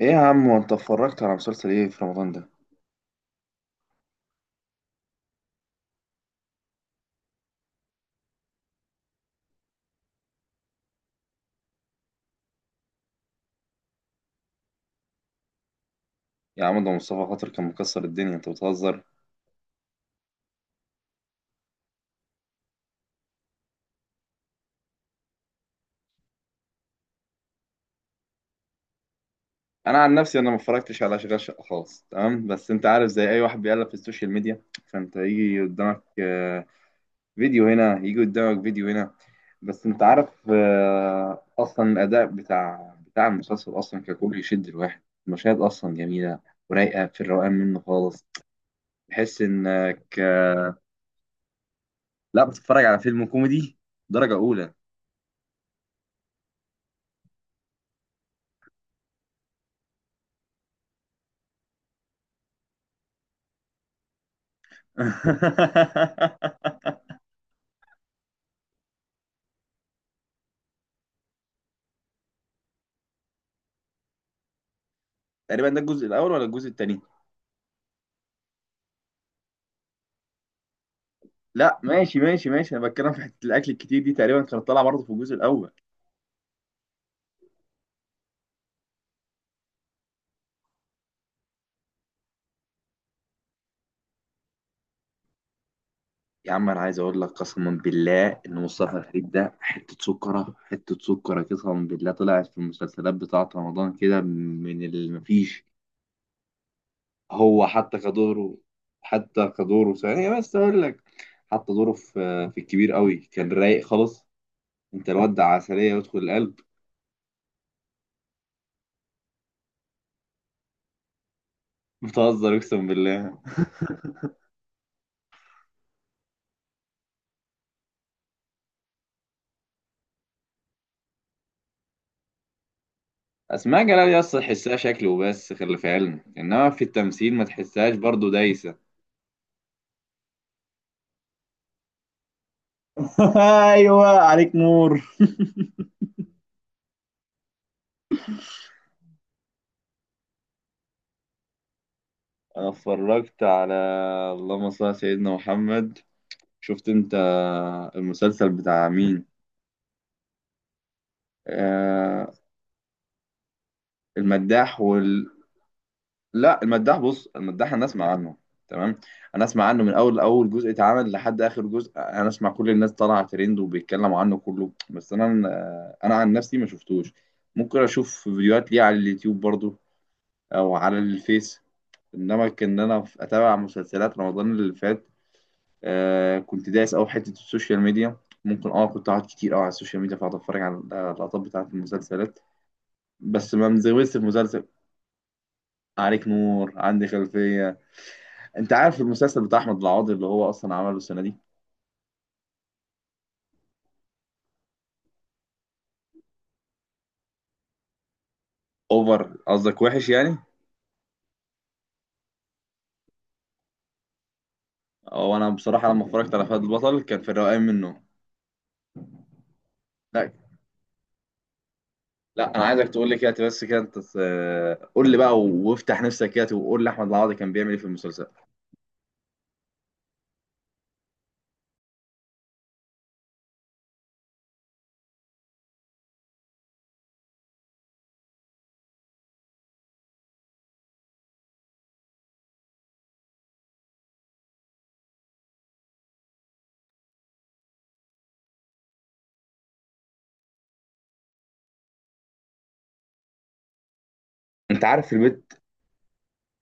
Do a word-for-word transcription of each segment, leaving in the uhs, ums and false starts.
ايه يا عم، وانت اتفرجت على مسلسل ايه في رمضان ده؟ يا عم، ده مصطفى خاطر كان مكسر الدنيا، انت بتهزر. انا عن نفسي انا ما اتفرجتش على اشغال شقه خالص، تمام؟ بس انت عارف زي اي واحد بيقلب في السوشيال ميديا، فانت يجي قدامك آه، فيديو هنا، يجي قدامك فيديو هنا. بس انت عارف، آه، اصلا الاداء بتاع بتاع المسلسل اصلا ككل يشد الواحد. المشاهد اصلا جميله ورايقه، في الروقان منه خالص. تحس انك، آه، لا، بتتفرج على فيلم كوميدي درجه اولى. تقريبا ده الجزء الاول ولا الجزء الثاني؟ لا ماشي ماشي ماشي، انا بتكلم في حته الاكل الكتير دي، تقريبا كانت طالعه برضه في الجزء الاول. يا عم انا عايز اقول لك، قسما بالله ان مصطفى غريب ده حته سكره، حته سكره. قسما بالله طلعت في المسلسلات بتاعه رمضان كده من اللي مفيش. هو حتى كدوره، حتى كدوره ثانيه، بس اقول لك، حتى دوره في في الكبير قوي كان رايق خالص. انت الواد ده عسليه، يدخل القلب. بتهزر، اقسم بالله. اسماء جلال يا اسطى تحسها شكل وبس، خلي في علمك انما في التمثيل ما تحسهاش برضو دايسه. ايوه، عليك نور. انا اتفرجت على اللهم صل على سيدنا محمد. شفت انت المسلسل بتاع مين؟ آه، المداح وال... لا، المداح بص، المداح انا اسمع عنه، تمام؟ انا اسمع عنه من اول اول جزء اتعمل لحد اخر جزء، انا اسمع كل الناس طالعه ترند وبيتكلموا عنه كله، بس انا انا عن نفسي ما شفتوش. ممكن اشوف فيديوهات ليه على اليوتيوب برضو، او على الفيس، انما كان انا في- اتابع مسلسلات رمضان اللي فات. آه كنت دايس قوي في حته السوشيال ميديا، ممكن اه كنت قاعد كتير قوي على السوشيال ميديا، فقعد اتفرج على اللقطات بتاعت المسلسلات، بس ما مزودش في مسلسل. عليك نور، عندي خلفيه. انت عارف المسلسل بتاع احمد العوضي اللي هو اصلا عمله السنه دي؟ اوفر قصدك وحش يعني؟ هو انا بصراحه لما اتفرجت على فهد البطل كان في الروقان منه. لا، لا، انا عايزك تقول لي كده، بس كده انت ت- قول لي بقى وافتح نفسك كده، وقول لي احمد العوضي كان بيعمل ايه في المسلسل. انت عارف في البيت،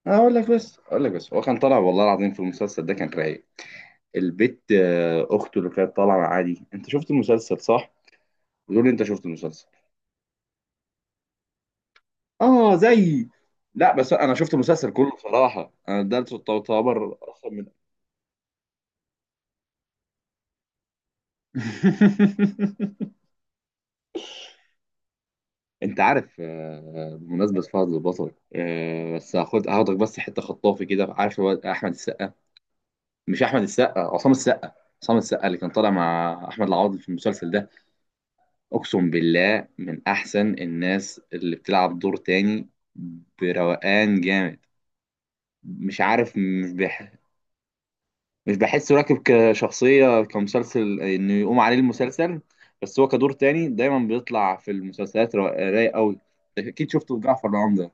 اقول لك بس، اقول لك بس، هو كان طالع والله العظيم في المسلسل ده كان رايق. البيت آه، اخته اللي كانت طالعه مع عادي، انت شفت المسلسل صح؟ بتقول لي انت شفت المسلسل؟ اه زي، لا بس انا شفت المسلسل كله بصراحه، انا ده تعتبر اصلا. انت عارف، آه، بمناسبة فهد البطل، آه، بس هاخد هاخدك بس حتة خطافي كده، عارف هو احمد السقا، مش احمد السقا، عصام السقا. عصام السقا اللي كان طالع مع احمد العوضي في المسلسل ده، اقسم بالله من احسن الناس اللي بتلعب دور تاني، بروقان جامد. مش عارف، مش بيح... مش بحسه راكب كشخصية كمسلسل إنه يقوم عليه المسلسل، بس هو كدور تاني دايما بيطلع في المسلسلات را- رايق قوي. أكيد شفته في جعفر العمدة.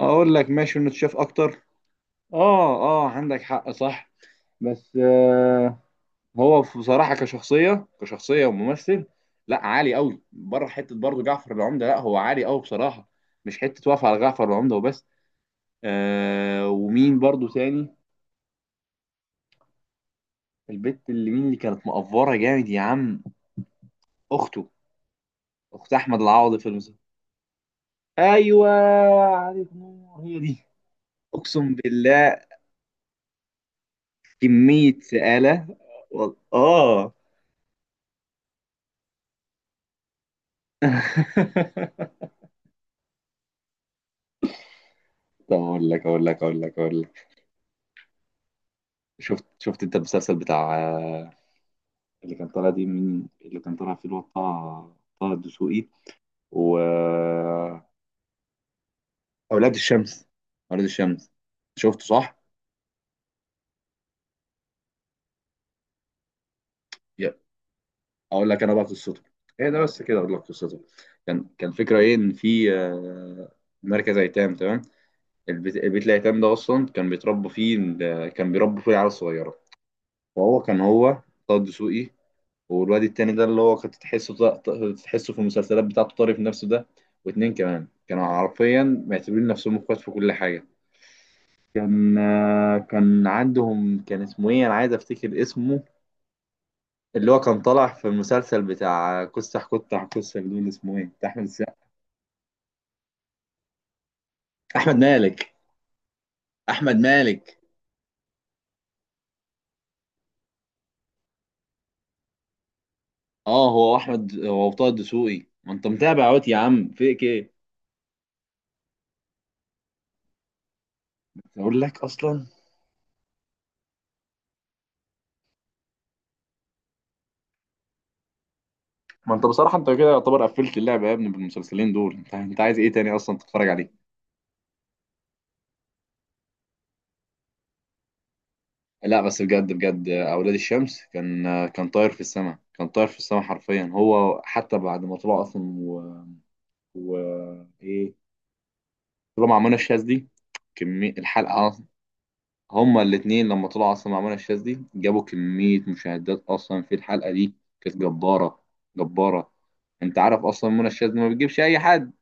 أقول لك ماشي إنه اتشاف أكتر. آه آه، عندك حق، صح. بس آه، هو بصراحة كشخصية، كشخصية وممثل، لا عالي قوي، بره حتة برضه جعفر العمدة، لا هو عالي قوي بصراحة، مش حتة واقفة على جعفر العمدة وبس. آه، ومين برضه تاني؟ البت اللي مين اللي كانت مقفرة جامد يا عم، أخته، اخت احمد العوضي في المسلسل. ايوه، عليك نور، هي دي. اقسم بالله كميه سآلة، وال- اه. طب اقول لك اقول لك اقول لك اقول لك، شفت، شفت انت المسلسل بتاع آه، اللي كان طالع دي، من اللي كان طالع فيه الواد طه، طه الدسوقي، و آه، اولاد الشمس، اولاد الشمس شفته صح؟ يا، اقول لك انا بقى قصته ايه ده. بس كده اقول لك قصته، كان، كان فكره ايه ان في آه، مركز ايتام، تمام؟ البيت، البيت الأيتام ده أصلا كان بيتربى فيه ال- كان بيربوا فيه العيال الصغيرة. وهو كان هو طه دسوقي، والواد التاني ده اللي هو كنت تحسه ط- ط- تحسه في المسلسلات بتاعته طارق في نفسه ده. واتنين كمان كانوا حرفيا معتبرين نفسهم اخوات في كل حاجة. كان آه، كان عندهم، كان اسمه ايه، انا عايز افتكر اسمه، اللي هو كان طالع في المسلسل بتاع كسح كتح كسح دول، اسمه ايه بتاع احمد السقا؟ احمد مالك، احمد مالك. اه هو احمد، هو طه دسوقي، ما انت متابع اهوت يا عم، فيك ايه؟ اقول لك اصلا، ما انت بصراحه انت كده يعتبر قفلت اللعبه يا ابني بالمسلسلين دول، انت انت عايز ايه تاني اصلا تتفرج عليه؟ لا بس بجد بجد، اولاد الشمس كان، كان طاير في السماء، كان طاير في السماء حرفيا. هو حتى بعد ما طلع اصلا و، و... ايه، طلع مع منى الشاذ دي، كميه الحلقه اصلا. هما الاتنين لما طلعوا اصلا مع منى الشاذ دي جابوا كميه مشاهدات اصلا في الحلقه دي، كانت جباره، جباره. انت عارف اصلا منى الشاذ دي ما بتجيبش اي حد،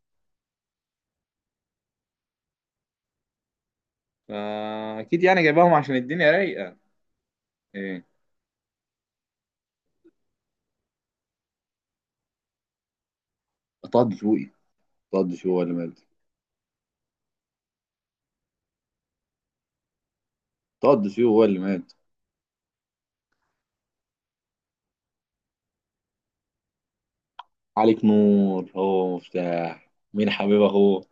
فاكيد يعني جايباهم عشان الدنيا رايقه. ايه، طه دسوقي. طه دسوقي هو اللي مات. طه دسوقي هو اللي مات. عليك نور، هو مفتاح، مين حبيبه هو.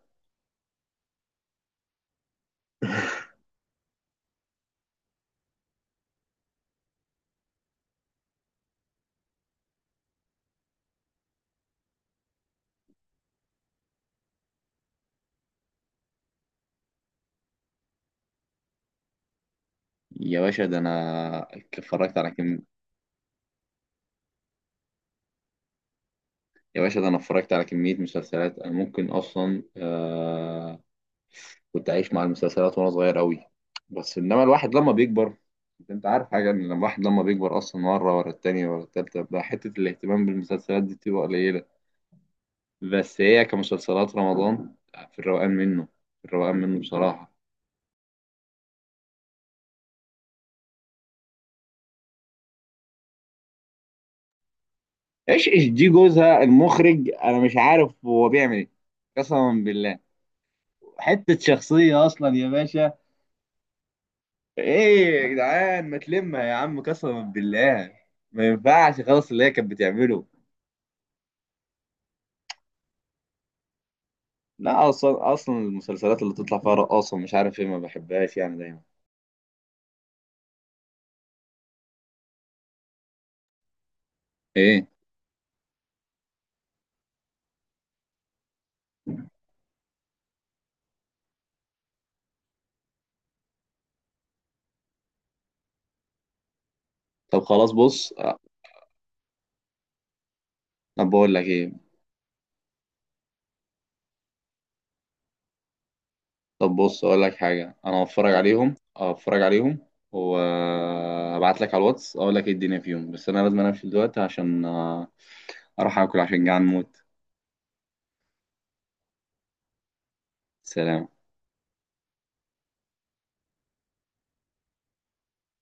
يا باشا ده انا اتفرجت على كم. يا باشا ده انا اتفرجت على كمية مسلسلات، انا ممكن اصلا آه... كنت عايش مع المسلسلات وانا صغير قوي، بس انما الواحد لما بيكبر، انت عارف حاجة ان الواحد لما بيكبر اصلا مرة ورا التانية ورا التالتة، بقى حتة الاهتمام بالمسلسلات دي بتبقى قليلة. بس هي كمسلسلات رمضان، في الروقان منه، في الروقان منه بصراحة. ايش ايش دي جوزها المخرج، انا مش عارف هو بيعمل ايه. قسما بالله حتة شخصية اصلا يا باشا. ايه يا جدعان، ما تلمها يا عم، قسما بالله ما ينفعش خالص اللي هي كانت بتعمله. لا اصلا، اصلا المسلسلات اللي تطلع فيها رقاصة مش عارف ايه ما بحبهاش يعني دايما. ايه، طب خلاص بص أه، طب بقول لك ايه. طب بص اقول لك حاجه، انا هتفرج عليهم، هتفرج عليهم، وابعت لك على الواتس اقول لك ايه الدنيا فيهم، بس انا لازم انام دلوقتي عشان آه، اروح اكل عشان جعان موت. سلام.